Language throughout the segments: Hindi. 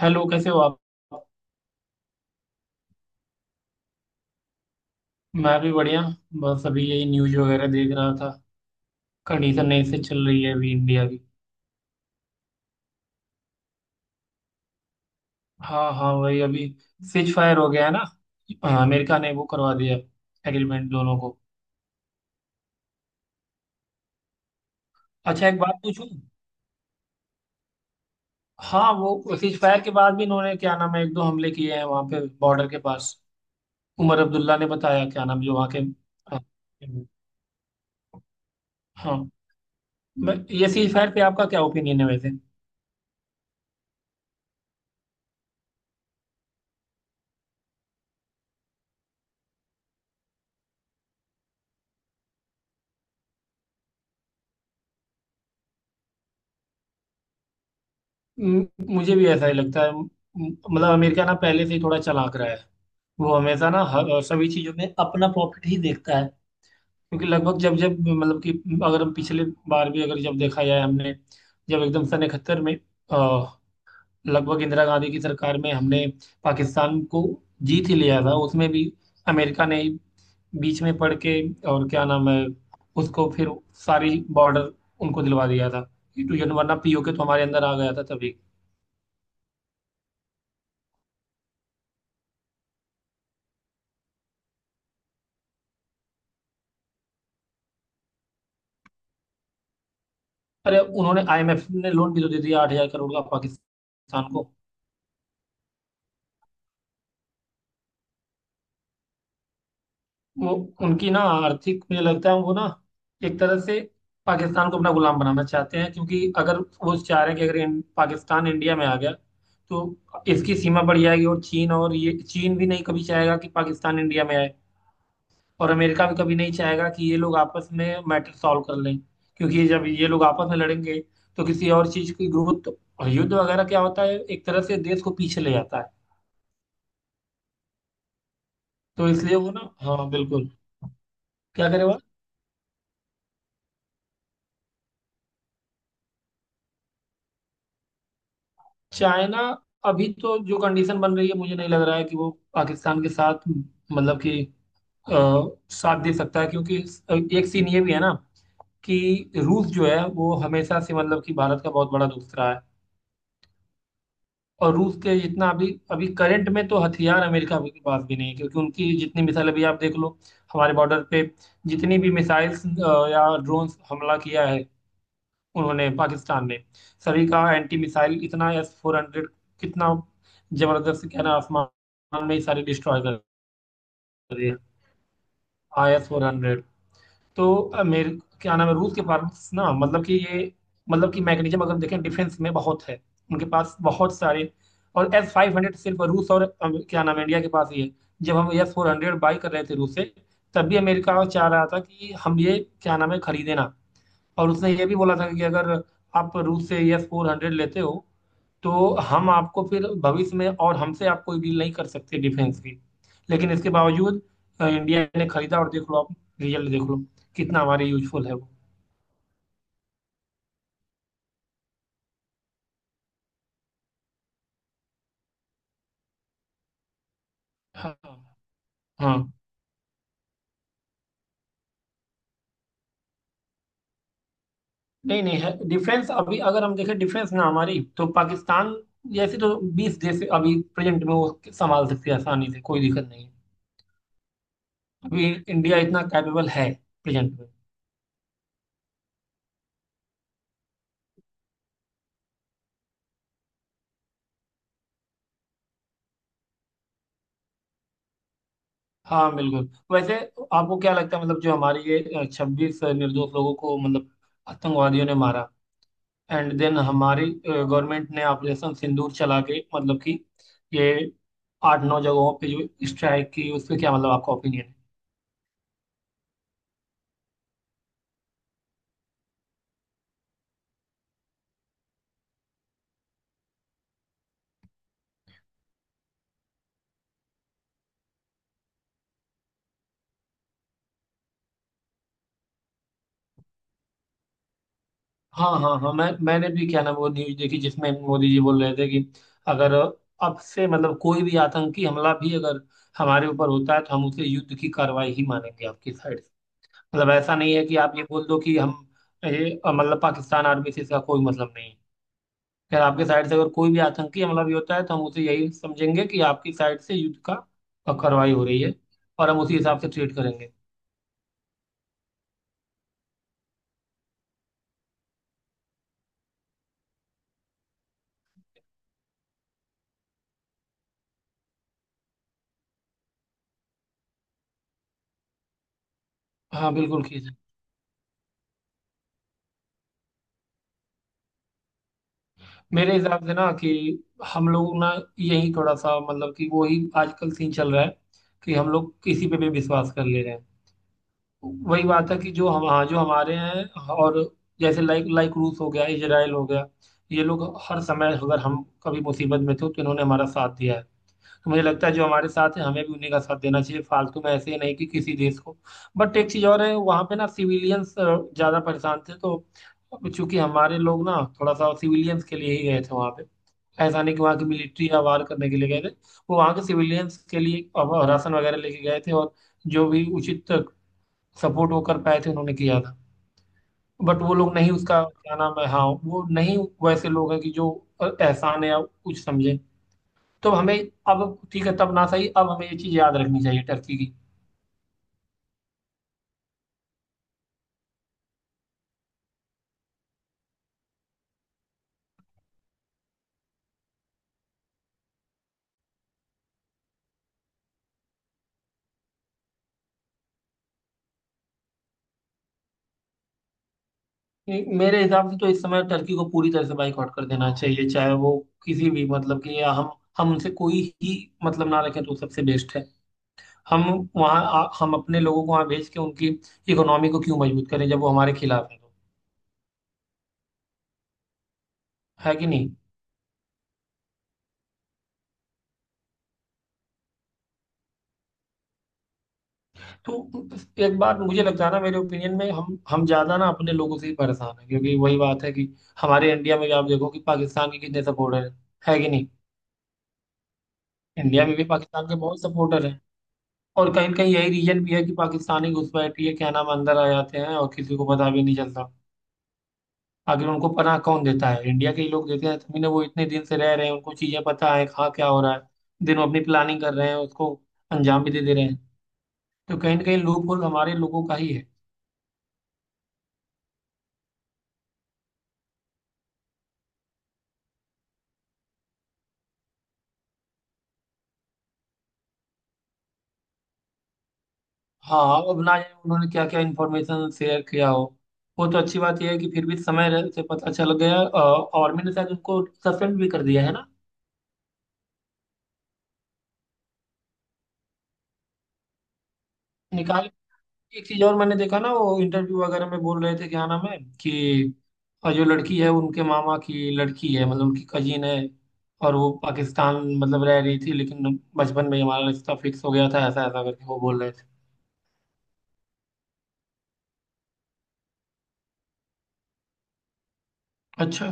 हेलो, कैसे हो आप। मैं भी बढ़िया। बस अभी यही न्यूज वगैरह देख रहा था। कंडीशन ऐसे चल रही है अभी इंडिया की। हाँ हाँ वही अभी। सीज फायर हो गया है ना। हाँ, अमेरिका ने वो करवा दिया, एग्रीमेंट दोनों को। अच्छा, एक बात पूछूं। हाँ, वो सीज फायर के बाद भी इन्होंने क्या नाम है, एक दो हमले किए हैं वहां पे बॉर्डर के पास। उमर अब्दुल्ला ने बताया क्या नाम, जो वहाँ के, हाँ। हाँ, ये सीज फायर पे आपका क्या ओपिनियन है वैसे। म- मुझे भी ऐसा ही लगता है। मतलब अमेरिका ना पहले से ही थोड़ा चालाक रहा है। वो हमेशा ना हर और सभी चीजों में अपना प्रॉफिट ही देखता है। क्योंकि लगभग जब जब मतलब कि, अगर हम पिछले बार भी अगर जब देखा जाए हमने, जब एकदम सन 1971 में, अ, लगभग इंदिरा गांधी की सरकार में हमने पाकिस्तान को जीत ही लिया था उसमें भी। अमेरिका ने बीच में पड़ के और क्या नाम है उसको फिर सारी बॉर्डर उनको दिलवा दिया था। तो ये, वरना POK तो हमारे अंदर आ गया था तभी। अरे, उन्होंने IMF ने लोन भी तो दे दिया 8,000 करोड़ का पाकिस्तान को। वो उनकी ना आर्थिक, मुझे लगता है वो ना एक तरह से पाकिस्तान को अपना गुलाम बनाना चाहते हैं। क्योंकि अगर वो चाह रहे हैं कि अगर इन, पाकिस्तान इंडिया में आ गया तो इसकी सीमा बढ़ जाएगी और चीन, और ये चीन भी नहीं कभी चाहेगा कि पाकिस्तान इंडिया में आए। और अमेरिका भी कभी नहीं चाहेगा कि ये लोग आपस में मैटर सॉल्व कर लें। क्योंकि ये जब ये लोग आपस में लड़ेंगे तो किसी और चीज की ग्रोथ, और युद्ध वगैरह क्या होता है, एक तरह से देश को पीछे ले जाता है। तो इसलिए वो ना, हाँ बिल्कुल, क्या करे। चाइना, अभी तो जो कंडीशन बन रही है मुझे नहीं लग रहा है कि वो पाकिस्तान के साथ, मतलब कि अ, साथ दे सकता है। क्योंकि एक सीन ये भी है ना कि, रूस जो है वो हमेशा से मतलब कि भारत का बहुत बड़ा दोस्त रहा है। और रूस के जितना अभी अभी करंट में तो हथियार अमेरिका के पास भी नहीं है। क्योंकि उनकी जितनी मिसाइल अभी आप देख लो, हमारे बॉर्डर पे जितनी भी मिसाइल्स या ड्रोन हमला किया है उन्होंने पाकिस्तान ने, सभी का एंटी मिसाइल इतना S-400 कितना जबरदस्त, क्या ना आसमान में ही सारे डिस्ट्रॉय कर दिए। आई S-400, तो मेरे क्या नाम है, रूस के पास ना, मतलब कि ये, मतलब कि मैकेनिज्म अगर देखें डिफेंस में बहुत है उनके पास, बहुत सारे। और S-500 सिर्फ रूस और क्या नाम है, इंडिया के पास ही है। जब हम S-400 बाई कर रहे थे रूस से, तब भी अमेरिका चाह रहा था कि हम ये क्या नाम है खरीदे ना। और उसने ये भी बोला था कि अगर आप रूस से S-400 लेते हो तो हम आपको फिर भविष्य में, और हमसे आप कोई डील नहीं कर सकते डिफेंस की। लेकिन इसके बावजूद इंडिया ने खरीदा, और देख लो आप, रिजल्ट देख लो कितना हमारे यूजफुल है वो। हाँ हाँ। नहीं नहीं, है डिफेंस। अभी अगर हम देखें डिफेंस ना हमारी, तो पाकिस्तान जैसे तो 20 देश अभी प्रेजेंट में वो संभाल सकते हैं आसानी से, कोई दिक्कत नहीं है। अभी इंडिया इतना कैपेबल है प्रेजेंट में। हाँ बिल्कुल। वैसे आपको क्या लगता है, मतलब जो हमारे ये 26 निर्दोष लोगों को मतलब आतंकवादियों ने मारा, एंड देन हमारी गवर्नमेंट ने ऑपरेशन सिंदूर चला के मतलब कि, ये 8 9 जगहों पे जो स्ट्राइक की उस पे क्या मतलब आपका ओपिनियन है। हाँ हाँ हाँ, मैंने भी क्या ना वो न्यूज देखी जिसमें मोदी जी बोल रहे थे कि, अगर अब से मतलब कोई भी आतंकी हमला भी अगर हमारे ऊपर होता है तो हम उसे युद्ध की कार्रवाई ही मानेंगे आपकी साइड। मतलब ऐसा नहीं है कि आप ये बोल दो कि हम ये, मतलब पाकिस्तान आर्मी से इसका कोई मतलब नहीं है। खैर, आपके साइड से अगर कोई भी आतंकी हमला भी होता है तो हम उसे यही समझेंगे कि आपकी साइड से युद्ध का कार्रवाई हो रही है और हम उसी हिसाब से ट्रीट करेंगे। हाँ बिल्कुल, खींच। मेरे हिसाब से ना कि, हम लोग ना यही थोड़ा सा, मतलब कि वो ही आजकल सीन चल रहा है कि हम लोग किसी पे भी विश्वास कर ले रहे हैं। वही बात है कि जो हम, हाँ, जो हमारे हैं, और जैसे लाइक लाइक रूस हो गया, इजराइल हो गया, ये लोग हर समय अगर हम कभी मुसीबत में थे तो इन्होंने हमारा साथ दिया है। तो मुझे लगता है जो हमारे साथ है हमें भी उन्हीं का साथ देना चाहिए, फालतू में ऐसे ही नहीं कि किसी देश को। बट एक चीज और है, वहां पे ना सिविलियंस ज्यादा परेशान थे तो, चूंकि हमारे लोग ना थोड़ा सा सिविलियंस के लिए ही गए थे वहां पे, ऐसा नहीं कि वहां की मिलिट्री या वार करने के लिए गए थे। वो वहां के सिविलियंस के लिए अब राशन वगैरह लेके गए थे, और जो भी उचित सपोर्ट वो कर पाए थे उन्होंने किया था। बट वो लोग नहीं, उसका क्या नाम है, हाँ, वो नहीं वैसे लोग हैं कि जो एहसान है या कुछ समझे। तो हमें, अब ठीक है तब ना सही, अब हमें ये चीज याद रखनी चाहिए टर्की की। मेरे हिसाब से तो इस समय टर्की को पूरी तरह से बाइकआउट कर देना चाहिए। चाहे वो किसी भी, मतलब कि, या हम उनसे कोई ही मतलब ना रखें तो सबसे बेस्ट है। हम वहाँ हम अपने लोगों को वहाँ भेज के उनकी इकोनॉमी को क्यों मजबूत करें जब वो हमारे खिलाफ है तो। है कि नहीं। तो एक बात मुझे लगता है ना, मेरे ओपिनियन में, हम ज्यादा ना अपने लोगों से ही परेशान है। क्योंकि वही बात है कि, हमारे इंडिया में भी आप देखो कि पाकिस्तान के कितने सपोर्टर हैं। है कि नहीं। इंडिया में भी पाकिस्तान के बहुत सपोर्टर हैं। और कहीं कहीं यही रीजन भी है कि पाकिस्तानी घुसपैठी है क्या नाम अंदर आ जाते हैं और किसी को पता भी नहीं चलता। आखिर उनको पनाह कौन देता है, इंडिया के ही लोग देते हैं, तभी ना वो इतने दिन से रह रहे हैं, उनको चीजें पता है कहाँ क्या हो रहा है। दिन वो अपनी प्लानिंग कर रहे हैं, उसको अंजाम भी दे दे रहे हैं। तो कहीं ना कहीं लूप होल हमारे लोगों का ही है। हाँ, अब ना जाने उन्होंने क्या क्या इन्फॉर्मेशन शेयर किया हो। वो तो अच्छी बात यह है कि फिर भी समय से पता चल गया। आर्मी ने शायद उनको सस्पेंड भी कर दिया है ना। निकाल। एक चीज और मैंने देखा ना, वो इंटरव्यू वगैरह में बोल रहे थे क्या नाम है कि, जो लड़की है उनके मामा की लड़की है, मतलब उनकी कजिन है। और वो पाकिस्तान मतलब रह रही थी लेकिन बचपन में ही हमारा रिश्ता फिक्स हो गया था, ऐसा ऐसा करके वो बोल रहे थे। अच्छा।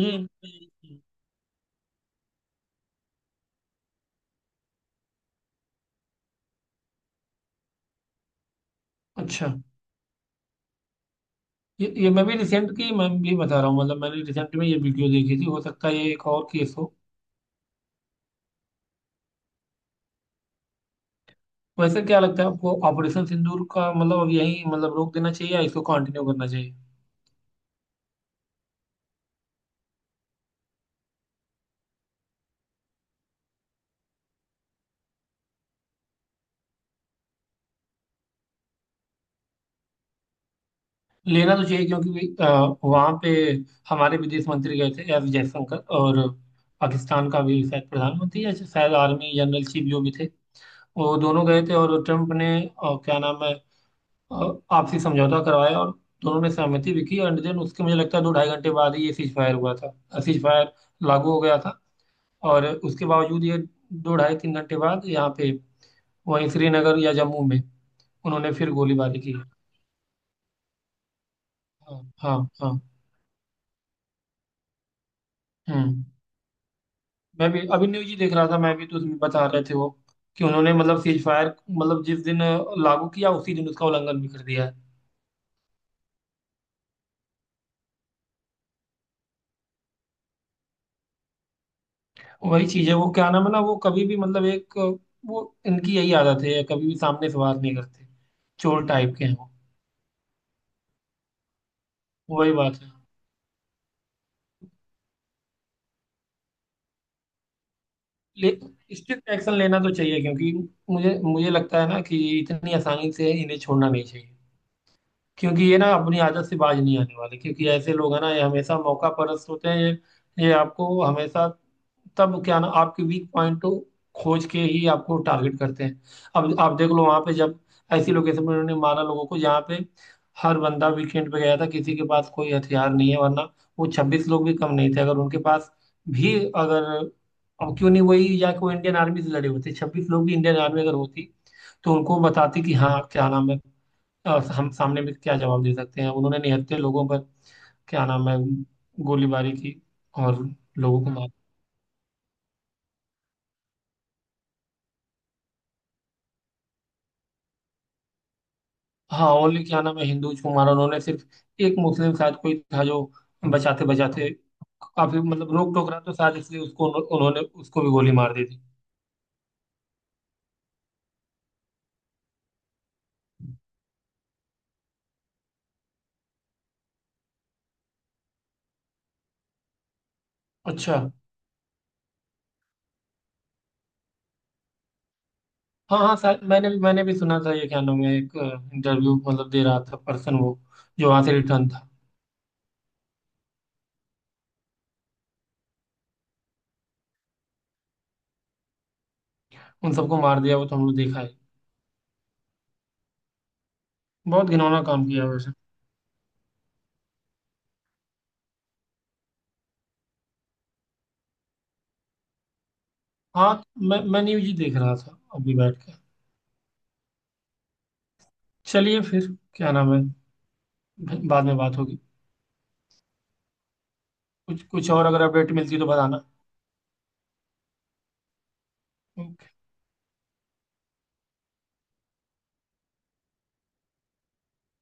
ये अच्छा, ये मैं भी रिसेंट की, मैं भी बता रहा हूँ, मतलब मैंने रिसेंट में ये वीडियो देखी थी, हो सकता है ये एक और केस हो। वैसे क्या लगता है आपको, ऑपरेशन सिंदूर का मतलब, अब यही मतलब रोक देना चाहिए या इसको कंटिन्यू करना चाहिए। लेना तो चाहिए क्योंकि, वहाँ पे हमारे विदेश मंत्री गए थे, S जयशंकर, और पाकिस्तान का भी शायद प्रधानमंत्री या शायद आर्मी जनरल चीफ जो भी थे, वो दोनों गए थे। और ट्रम्प ने क्या नाम है, और आपसी समझौता करवाया, और दोनों ने सहमति भी की। एंड देन उसके मुझे लगता है दो ढाई घंटे बाद ही ये सीज फायर हुआ था, सीज फायर लागू हो गया था। और उसके बावजूद ये दो ढाई तीन घंटे बाद यहाँ पे, वहीं श्रीनगर या जम्मू में उन्होंने फिर गोलीबारी की। हाँ हाँ हाँ। हम्म। मैं भी अभी न्यूज ही देख रहा था, मैं भी, तो उसमें बता रहे थे वो कि उन्होंने मतलब सीज फायर मतलब जिस दिन लागू किया उसी दिन उसका उल्लंघन भी कर दिया है। वही चीज है, वो क्या नाम है ना, वो कभी भी मतलब एक वो इनकी यही आदत है, कभी भी सामने से बात नहीं करते, चोर टाइप के हैं। वो वही बात है। ले स्ट्रिक्ट एक्शन लेना तो चाहिए क्योंकि, मुझे मुझे लगता है ना कि इतनी आसानी से इन्हें छोड़ना नहीं चाहिए। क्योंकि ये ना अपनी आदत से बाज नहीं आने वाले, क्योंकि ऐसे लोग हैं ना, ये हमेशा मौका परस्त होते हैं। ये आपको हमेशा, तब क्या ना आपके वीक पॉइंट को खोज के ही आपको टारगेट करते हैं। अब आप देख लो वहां पे जब ऐसी लोकेशन में उन्होंने मारा लोगों को जहाँ पे हर बंदा वीकेंड पे गया था, किसी के पास कोई हथियार नहीं है। वरना वो 26 लोग भी कम नहीं थे अगर उनके पास भी अगर, अब क्यों नहीं वही, या कोई इंडियन आर्मी से लड़े होते। 26 लोग भी इंडियन आर्मी अगर होती तो उनको बताती कि हाँ क्या नाम है, हम सामने भी क्या जवाब दे सकते हैं। उन्होंने निहत्थे लोगों पर क्या नाम है गोलीबारी की, और लोगों को मार। हाँ ओनली क्या नाम है हिंदू को मारा उन्होंने, सिर्फ एक मुस्लिम शायद कोई था जो बचाते बचाते काफी मतलब रोक टोक रहा, तो शायद इसलिए उसको उन्होंने उसको भी गोली मार दी थी। अच्छा। हाँ हाँ, शायद मैंने भी सुना था ये क्या नाम है, एक इंटरव्यू मतलब दे रहा था पर्सन वो, जो वहां से रिटर्न था। उन सबको मार दिया, वो तो हम लोग देखा है। बहुत घिनौना काम किया वैसे। हाँ। मैं न्यूज ही देख रहा था अभी बैठ के। चलिए फिर, क्या नाम है, बाद में बात होगी। कुछ कुछ और अगर अपडेट मिलती है तो बताना। ओके।